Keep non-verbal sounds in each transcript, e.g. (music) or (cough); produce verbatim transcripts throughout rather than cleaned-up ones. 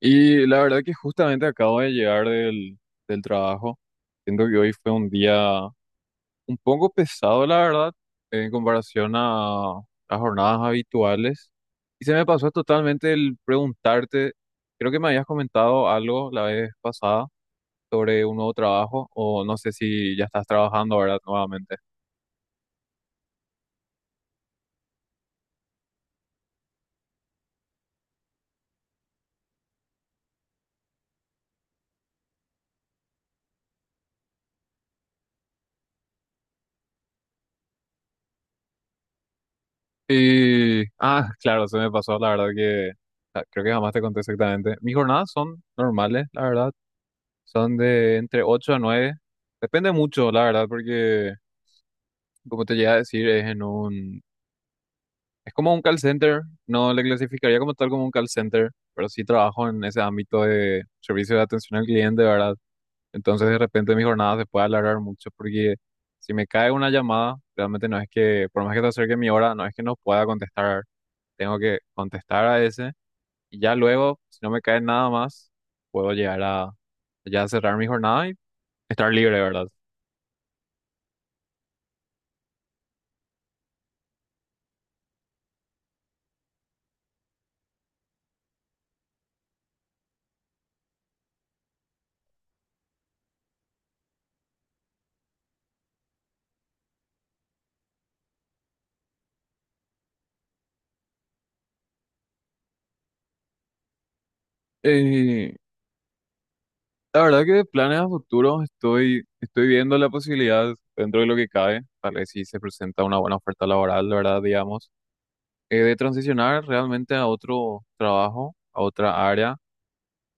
Y la verdad que justamente acabo de llegar del, del trabajo. Siento que hoy fue un día un poco pesado, la verdad, en comparación a las jornadas habituales. Y se me pasó totalmente el preguntarte, creo que me habías comentado algo la vez pasada sobre un nuevo trabajo, o no sé si ya estás trabajando ahora nuevamente. Y, ah, claro, se me pasó, la verdad que ah, creo que jamás te conté exactamente. Mis jornadas son normales, la verdad. Son de entre ocho a nueve. Depende mucho, la verdad, porque como te llegué a decir, es en un... Es como un call center. No le clasificaría como tal como un call center, pero sí trabajo en ese ámbito de servicio de atención al cliente, ¿verdad? Entonces de repente mi jornada se puede alargar mucho porque si me cae una llamada, realmente no es que, por más que te acerque mi hora, no es que no pueda contestar. Tengo que contestar a ese, y ya luego, si no me cae nada más, puedo llegar a ya cerrar mi jornada y estar libre, ¿verdad? Eh, La verdad que de planes a futuro estoy, estoy viendo la posibilidad dentro de lo que cabe, tal vez si se presenta una buena oferta laboral, la verdad, digamos, eh, de transicionar realmente a otro trabajo, a otra área,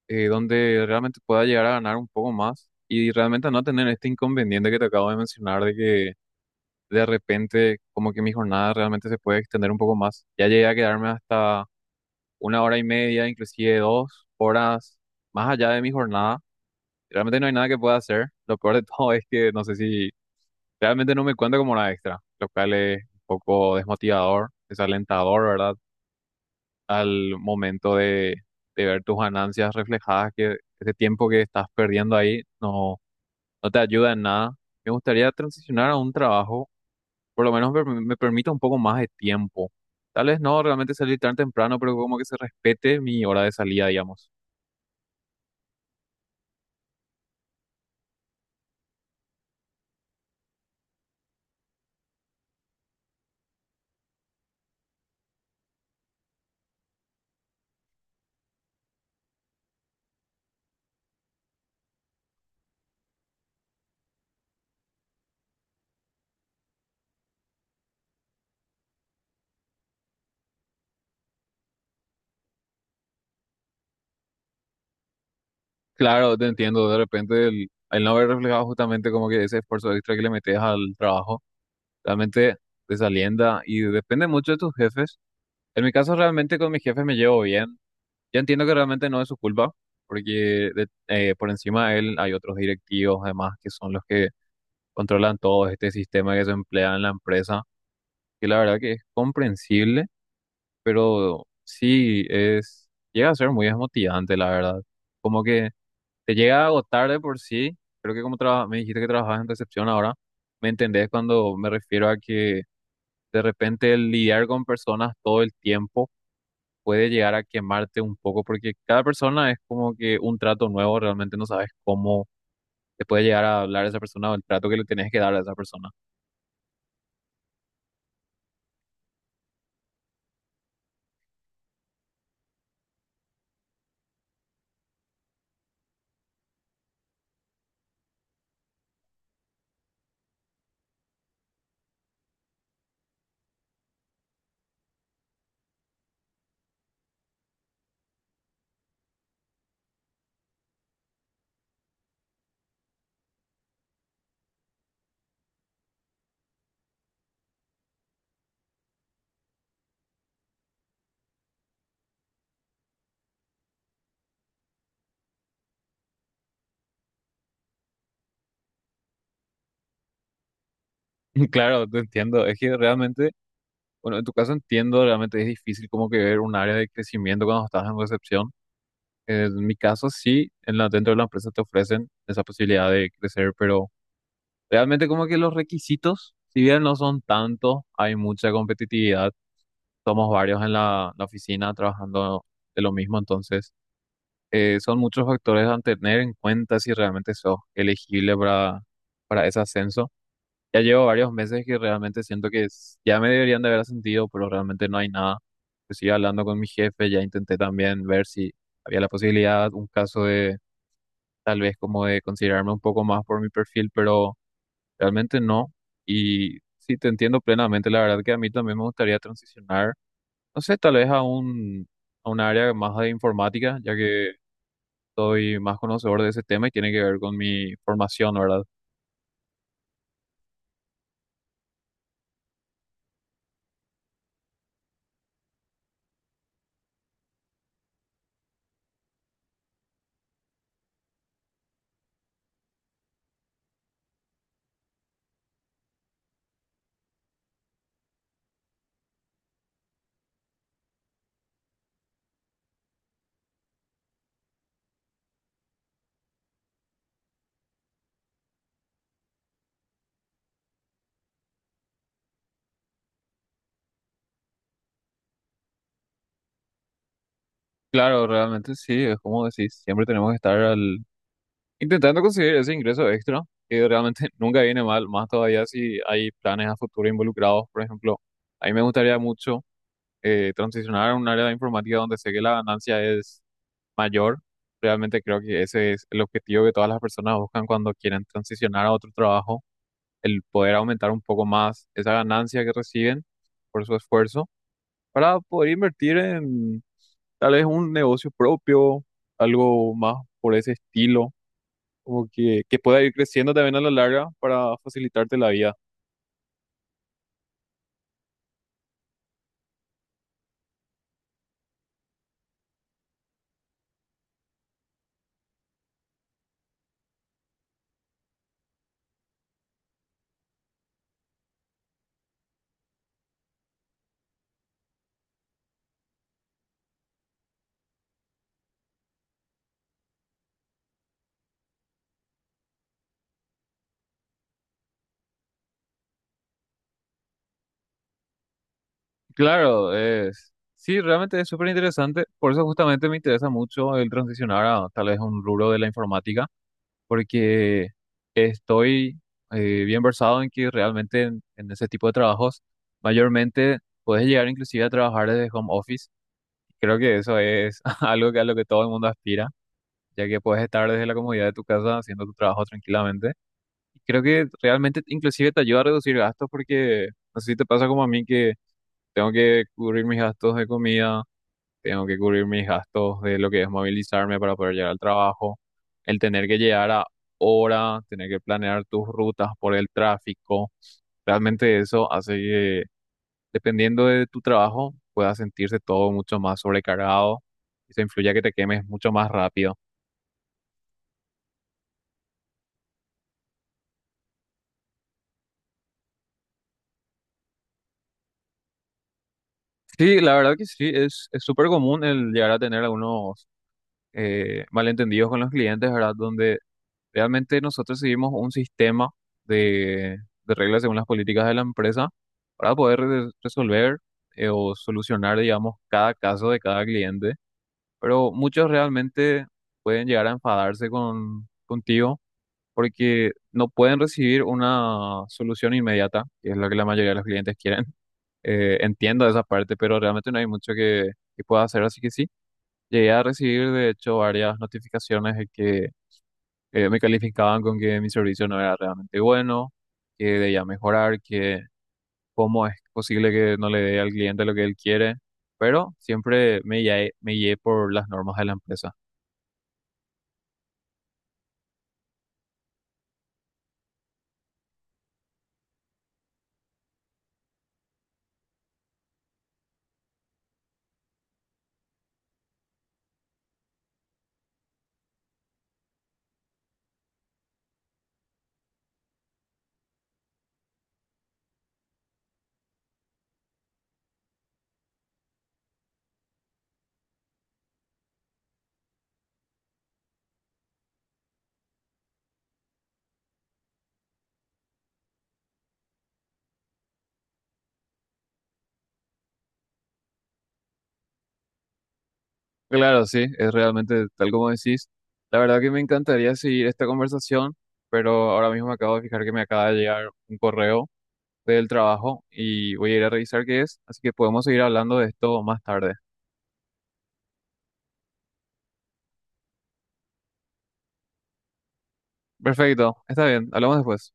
eh, donde realmente pueda llegar a ganar un poco más y realmente no tener este inconveniente que te acabo de mencionar de que de repente como que mi jornada realmente se puede extender un poco más. Ya llegué a quedarme hasta una hora y media, inclusive dos horas más allá de mi jornada. Realmente no hay nada que pueda hacer. Lo peor de (laughs) todo es que no sé si realmente no me cuenta como una extra, lo cual es un poco desmotivador, desalentador, ¿verdad? Al momento de, de ver tus ganancias reflejadas, que ese tiempo que estás perdiendo ahí no, no te ayuda en nada. Me gustaría transicionar a un trabajo, por lo menos me, me permita un poco más de tiempo. Tal vez no realmente salir tan temprano, pero como que se respete mi hora de salida, digamos. Claro, te entiendo, de repente el, el no haber reflejado justamente como que ese esfuerzo extra que le metes al trabajo, realmente desalienta y depende mucho de tus jefes. En mi caso realmente con mis jefes me llevo bien. Yo entiendo que realmente no es su culpa, porque de- eh, por encima de él hay otros directivos además que son los que controlan todo este sistema que se emplea en la empresa, que la verdad que es comprensible, pero sí es, llega a ser muy desmotivante, la verdad. Como que te llega a agotar de por sí. Creo que como traba- me dijiste que trabajabas en recepción ahora, me entendés cuando me refiero a que de repente el lidiar con personas todo el tiempo puede llegar a quemarte un poco porque cada persona es como que un trato nuevo, realmente no sabes cómo te puede llegar a hablar esa persona o el trato que le tenés que dar a esa persona. (laughs) Claro, te entiendo. Es que realmente, bueno, en tu caso entiendo, realmente es difícil como que ver un área de crecimiento cuando estás en recepción. En mi caso, sí, en la, dentro de la empresa te ofrecen esa posibilidad de crecer, pero realmente como que los requisitos, si bien no son tantos, hay mucha competitividad. Somos varios en la, la oficina trabajando de lo mismo, entonces eh, son muchos factores a tener en cuenta si realmente sos elegible para, para ese ascenso. Ya llevo varios meses que realmente siento que s- ya me deberían de haber ascendido, pero realmente no hay nada. Pues sigo hablando con mi jefe, ya intenté también ver si había la posibilidad, un caso de tal vez como de considerarme un poco más por mi perfil, pero... realmente no. Y sí, te entiendo plenamente. La verdad que a mí también me gustaría transicionar, no sé, tal vez a un, a un área más de informática, ya que soy más conocedor de ese tema y tiene que ver con mi formación, ¿verdad? Claro, realmente sí, es como decís, siempre tenemos que estar al, intentando conseguir ese ingreso extra, que realmente (laughs) nunca viene mal, más todavía si hay planes a futuro involucrados. Por ejemplo, a mí me gustaría mucho eh, transicionar a un área de informática donde sé que la ganancia es mayor. Realmente creo que ese es el objetivo que todas las personas buscan cuando quieren transicionar a otro trabajo, el poder aumentar un poco más esa ganancia que reciben por su esfuerzo para poder invertir en tal vez un negocio propio, algo más por ese estilo, como que, que pueda ir creciendo también a la larga para facilitarte la vida. Claro, es, sí, realmente es súper interesante. Por eso justamente me interesa mucho el transicionar a tal vez un rubro de la informática porque estoy eh, bien versado en que realmente en, en ese tipo de trabajos mayormente puedes llegar inclusive a trabajar desde home office. Creo que eso es (laughs) algo que a lo que todo el mundo aspira, ya que puedes estar desde la comodidad de tu casa haciendo tu trabajo tranquilamente. Y creo que realmente inclusive te ayuda a reducir gastos porque no sé si te pasa como a mí que tengo que cubrir mis gastos de comida, tengo que cubrir mis gastos de lo que es movilizarme para poder llegar al trabajo, el tener que llegar a hora, tener que planear tus rutas por el tráfico. Realmente eso hace que, dependiendo de tu trabajo, puedas sentirse todo mucho más sobrecargado y se influye a que te quemes mucho más rápido. Sí, la verdad que sí, es es súper común el llegar a tener algunos eh, malentendidos con los clientes, ¿verdad? Donde realmente nosotros seguimos un sistema de, de reglas según las políticas de la empresa para poder re- resolver eh, o solucionar, digamos, cada caso de cada cliente. Pero muchos realmente pueden llegar a enfadarse con, contigo porque no pueden recibir una solución inmediata, que es lo que la mayoría de los clientes quieren. (laughs) Eh, entiendo esa parte, pero realmente no hay mucho que, que pueda hacer, así que sí. Llegué a recibir, de hecho, varias notificaciones de que eh, me calificaban con que mi servicio no era realmente bueno, que debía mejorar, que cómo es posible que no le dé al cliente lo que él quiere, pero siempre me guié, me guié por las normas de la empresa. Claro, sí, es realmente tal como decís. La verdad que me encantaría seguir esta conversación, pero ahora mismo me acabo de fijar que me acaba de llegar un correo del trabajo y voy a ir a revisar qué es, así que podemos seguir hablando de esto más tarde. Perfecto, está bien, hablamos después.